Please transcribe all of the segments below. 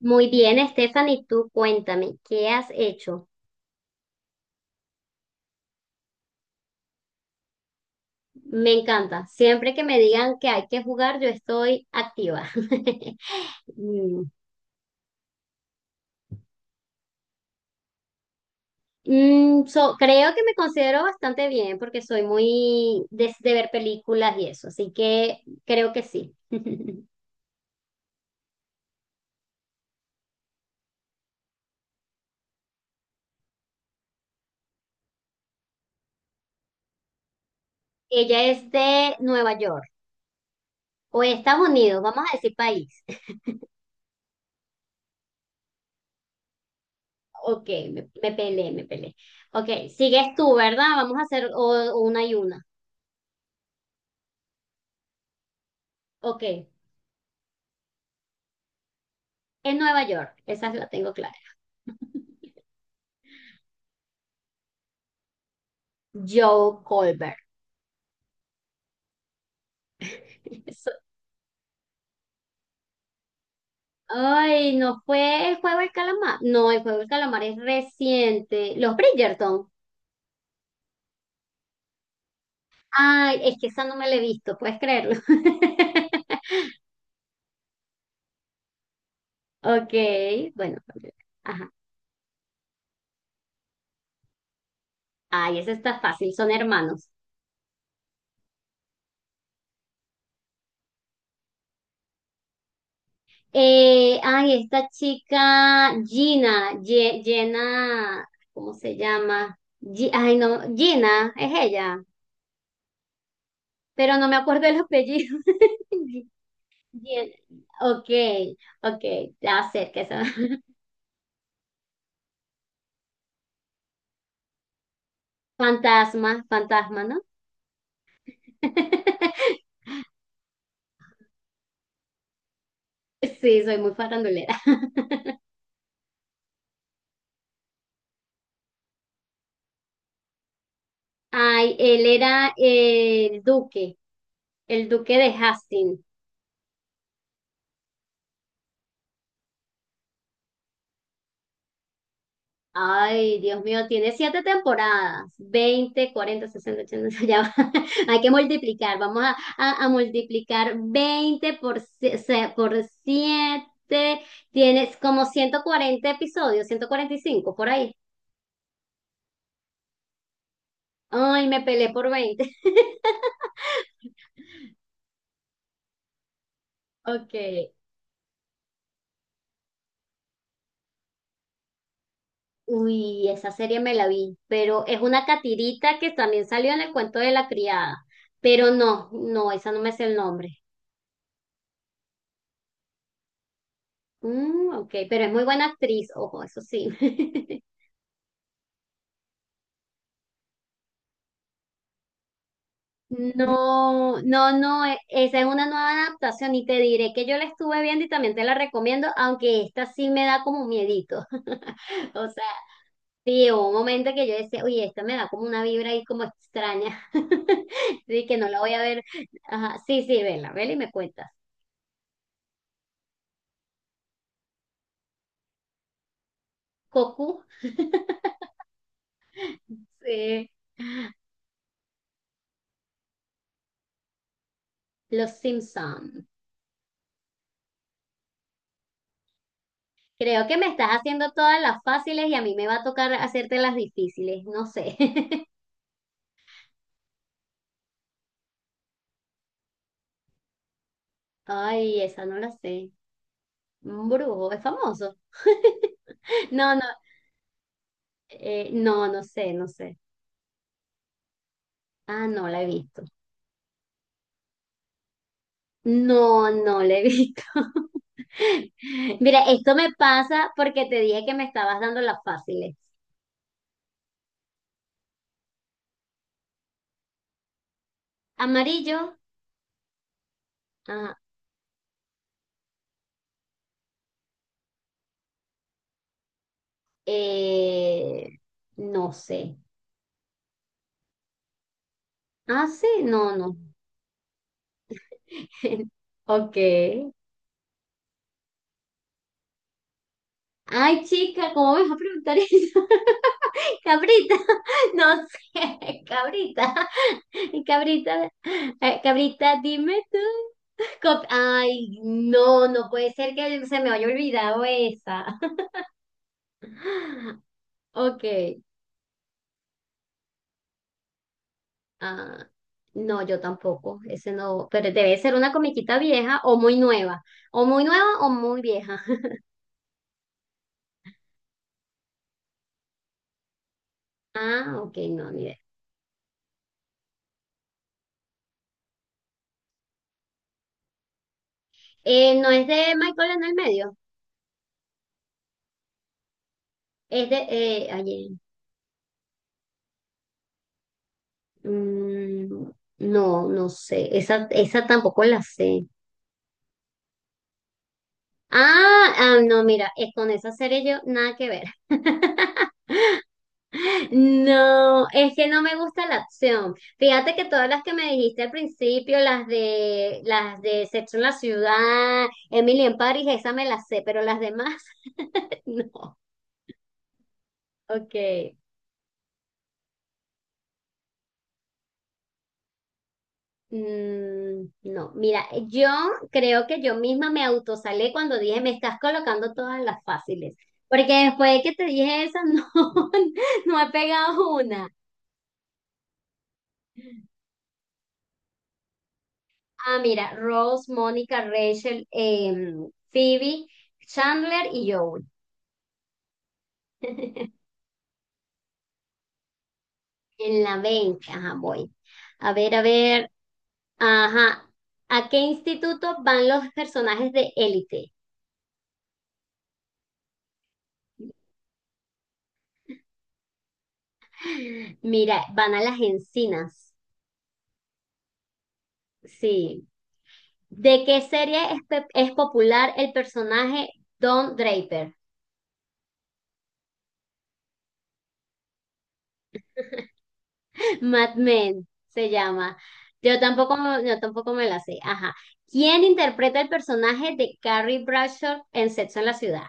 Muy bien, Stephanie, tú cuéntame, ¿qué has hecho? Me encanta. Siempre que me digan que hay que jugar, yo estoy activa. Mm. Creo que me considero bastante bien porque soy muy de ver películas y eso, así que creo que sí. Ella es de Nueva York o Estados Unidos, vamos a decir país. Ok, me peleé, me peleé. Ok, sigues tú, ¿verdad? Vamos a hacer una y una. Ok, en Nueva York, esa la tengo clara. Joe Goldberg. So- Ay, no fue el juego del calamar. No, el juego del calamar es reciente. Los Bridgerton. Ay, es que esa no me la he visto, puedes creerlo. Ok, bueno. Ajá. Ay, esa está fácil, son hermanos. Ay, esta chica, Jenna, ¿cómo se llama? Gi- ay, no, Gina, es ella, pero no me acuerdo el apellido. Bien, ok, ok, ya sé que eso. Fantasma, fantasma, ¿no? Sí, soy muy farandulera. Ay, él era el duque de Hastings. Ay, Dios mío, tiene siete temporadas, 20, 40, 60, 80, ya va. Hay que multiplicar, a multiplicar 20 por, por 7, tienes como 140 episodios, 145 por ahí. Ay, me peleé por 20. Ok, uy, esa serie me la vi, pero es una catirita que también salió en el cuento de la criada, pero esa no me es el nombre. Mm, ok, pero es muy buena actriz, ojo, eso sí. No, no, no, esa es una nueva adaptación y te diré que yo la estuve viendo y también te la recomiendo, aunque esta sí me da como miedito. O sea, sí, hubo un momento que yo decía, oye, esta me da como una vibra ahí como extraña. Así que no la voy a ver. Ajá, sí, sí, vela, vela y me cuentas. Cocu, eh, Los Simpson. Creo que me estás haciendo todas las fáciles y a mí me va a tocar hacerte las difíciles, no sé. Ay, esa no la sé. Un brujo, es famoso. No, no, no, no sé, no sé. Ah, no la he visto. No, no la he visto. Mira, esto me pasa porque te dije que me estabas dando las fáciles. Amarillo, ah, eh, no sé. Ah, sí, no, no. Ok. Ay, chica, ¿cómo me vas a preguntar eso? Cabrita, no sé, cabrita, cabrita, cabrita, dime tú. Ay, no, no puede ser que se me haya olvidado esa. Ok, ah, no, yo tampoco, ese no, pero debe ser una comiquita vieja o muy nueva, o muy nueva o muy vieja. Ah, ok, no, ni idea. ¿No es de Michael en el medio? Es de, ayer. Mm, no, no sé. Esa tampoco la sé. Ah, ah, no, mira, es con esa serie yo nada que ver. No, es que no me gusta la acción. Fíjate que todas las que me dijiste al principio, las de Sexo en la Ciudad, Emily en París, esa me las sé, pero las demás no. Ok. Mm, no, mira, yo creo que yo misma me autosalé cuando dije, me estás colocando todas las fáciles, porque después de que te dije esa, no, no he pegado una. Ah, mira, Rose, Mónica, Rachel, Phoebe, Chandler y Joey. En la 20 ajá, voy. A ver, ajá. ¿A qué instituto van los personajes de Élite? Mira, van a las encinas. Sí, ¿de qué serie es, es popular el personaje Don Draper? Mad Men se llama. Yo tampoco, yo tampoco me la sé. Ajá. ¿Quién interpreta el personaje de Carrie Bradshaw en Sexo en la Ciudad?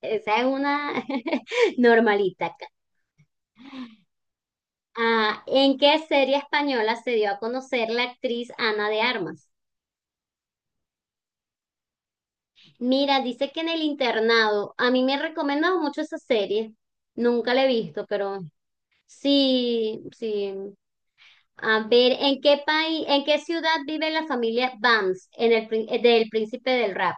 Esa es una normalita. Ah, ¿en qué serie española se dio a conocer la actriz Ana de Armas? Mira, dice que en el internado, a mí me han recomendado mucho esa serie. Nunca la he visto, pero sí, sí. A ver, ¿en qué país, en qué ciudad vive la familia Vance en el, del Príncipe del Rap?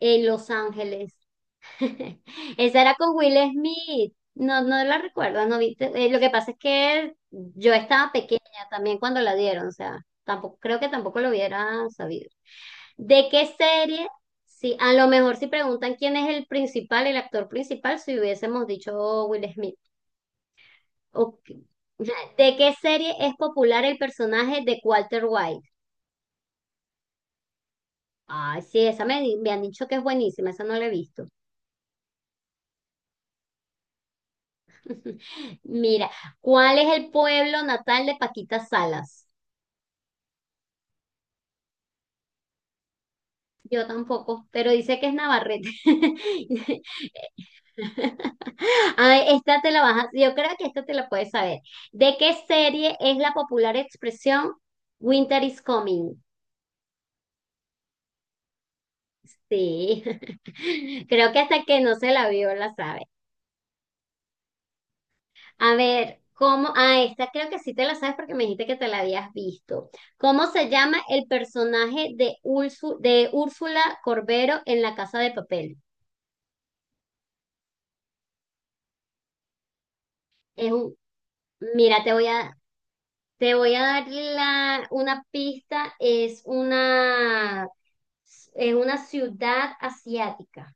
En Los Ángeles. Esa era con Will Smith. No, no la recuerdo, no vi- lo que pasa es que yo estaba pequeña también cuando la dieron, o sea, tampoco, creo que tampoco lo hubiera sabido. ¿De qué serie? Sí, a lo mejor si preguntan quién es el principal, el actor principal, si hubiésemos dicho Will Smith. Ok. ¿De qué serie es popular el personaje de Walter White? Ay, sí, me han dicho que es buenísima, esa no la he visto. Mira, ¿cuál es el pueblo natal de Paquita Salas? Yo tampoco, pero dice que es Navarrete. Ay, esta te la vas a, yo creo que esta te la puedes saber. ¿De qué serie es la popular expresión Winter is coming? Sí, creo que hasta que no se la vio la sabe. A ver, ¿cómo? Ah, esta creo que sí te la sabes porque me dijiste que te la habías visto. ¿Cómo se llama el personaje de, de Úrsula Corbero en La Casa de Papel? Es un, mira, te voy a dar la, una pista. Es una ciudad asiática.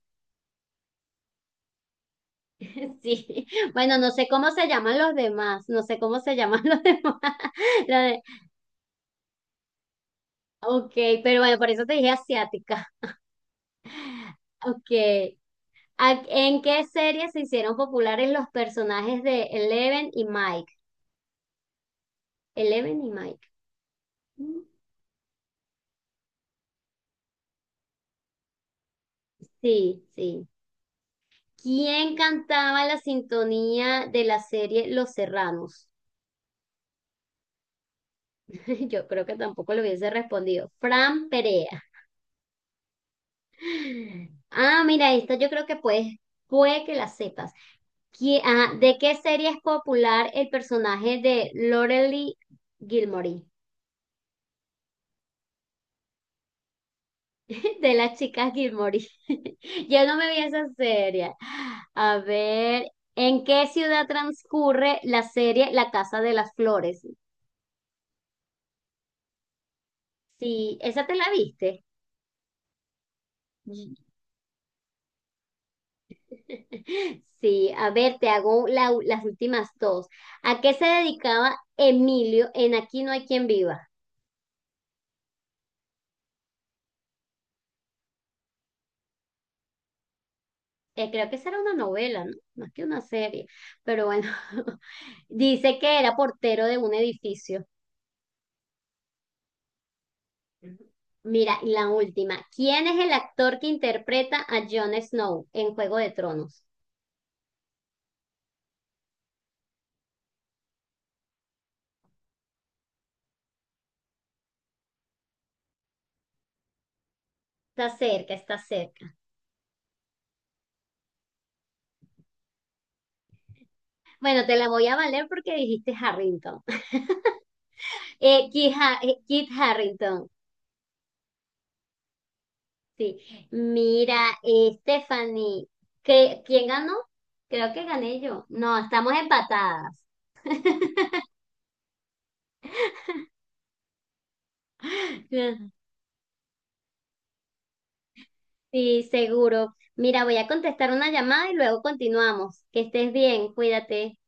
Sí. Bueno, no sé cómo se llaman los demás. No sé cómo se llaman los demás. La de- Ok, pero bueno, por eso te dije asiática. Ok. ¿En qué serie se hicieron populares los personajes de Eleven y Mike? Eleven y Mike. Mm, sí, sí. ¿Quién cantaba la sintonía de la serie Los Serranos? Yo creo que tampoco lo hubiese respondido. Fran Perea. Ah, mira, esta yo creo que puedes, puede que la sepas. ¿De qué serie es popular el personaje de Lorelai Gilmore? De las chicas Gilmore. Yo no me vi esa serie. A ver, ¿en qué ciudad transcurre la serie La Casa de las Flores? Sí, esa te la viste. Sí, a ver, te hago las últimas dos. ¿A qué se dedicaba Emilio en Aquí no hay quien viva? Creo que esa era una novela, ¿no? Más que una serie. Pero bueno, dice que era portero de un edificio. Mira, y la última. ¿Quién es el actor que interpreta a Jon Snow en Juego de Tronos? Está cerca, está cerca. Bueno, te la voy a valer porque dijiste Harrington. Kit Harrington, sí. Mira, Stephanie, ¿quién ganó? Creo que gané yo. No, estamos empatadas. Sí, seguro. Mira, voy a contestar una llamada y luego continuamos. Que estés bien, cuídate.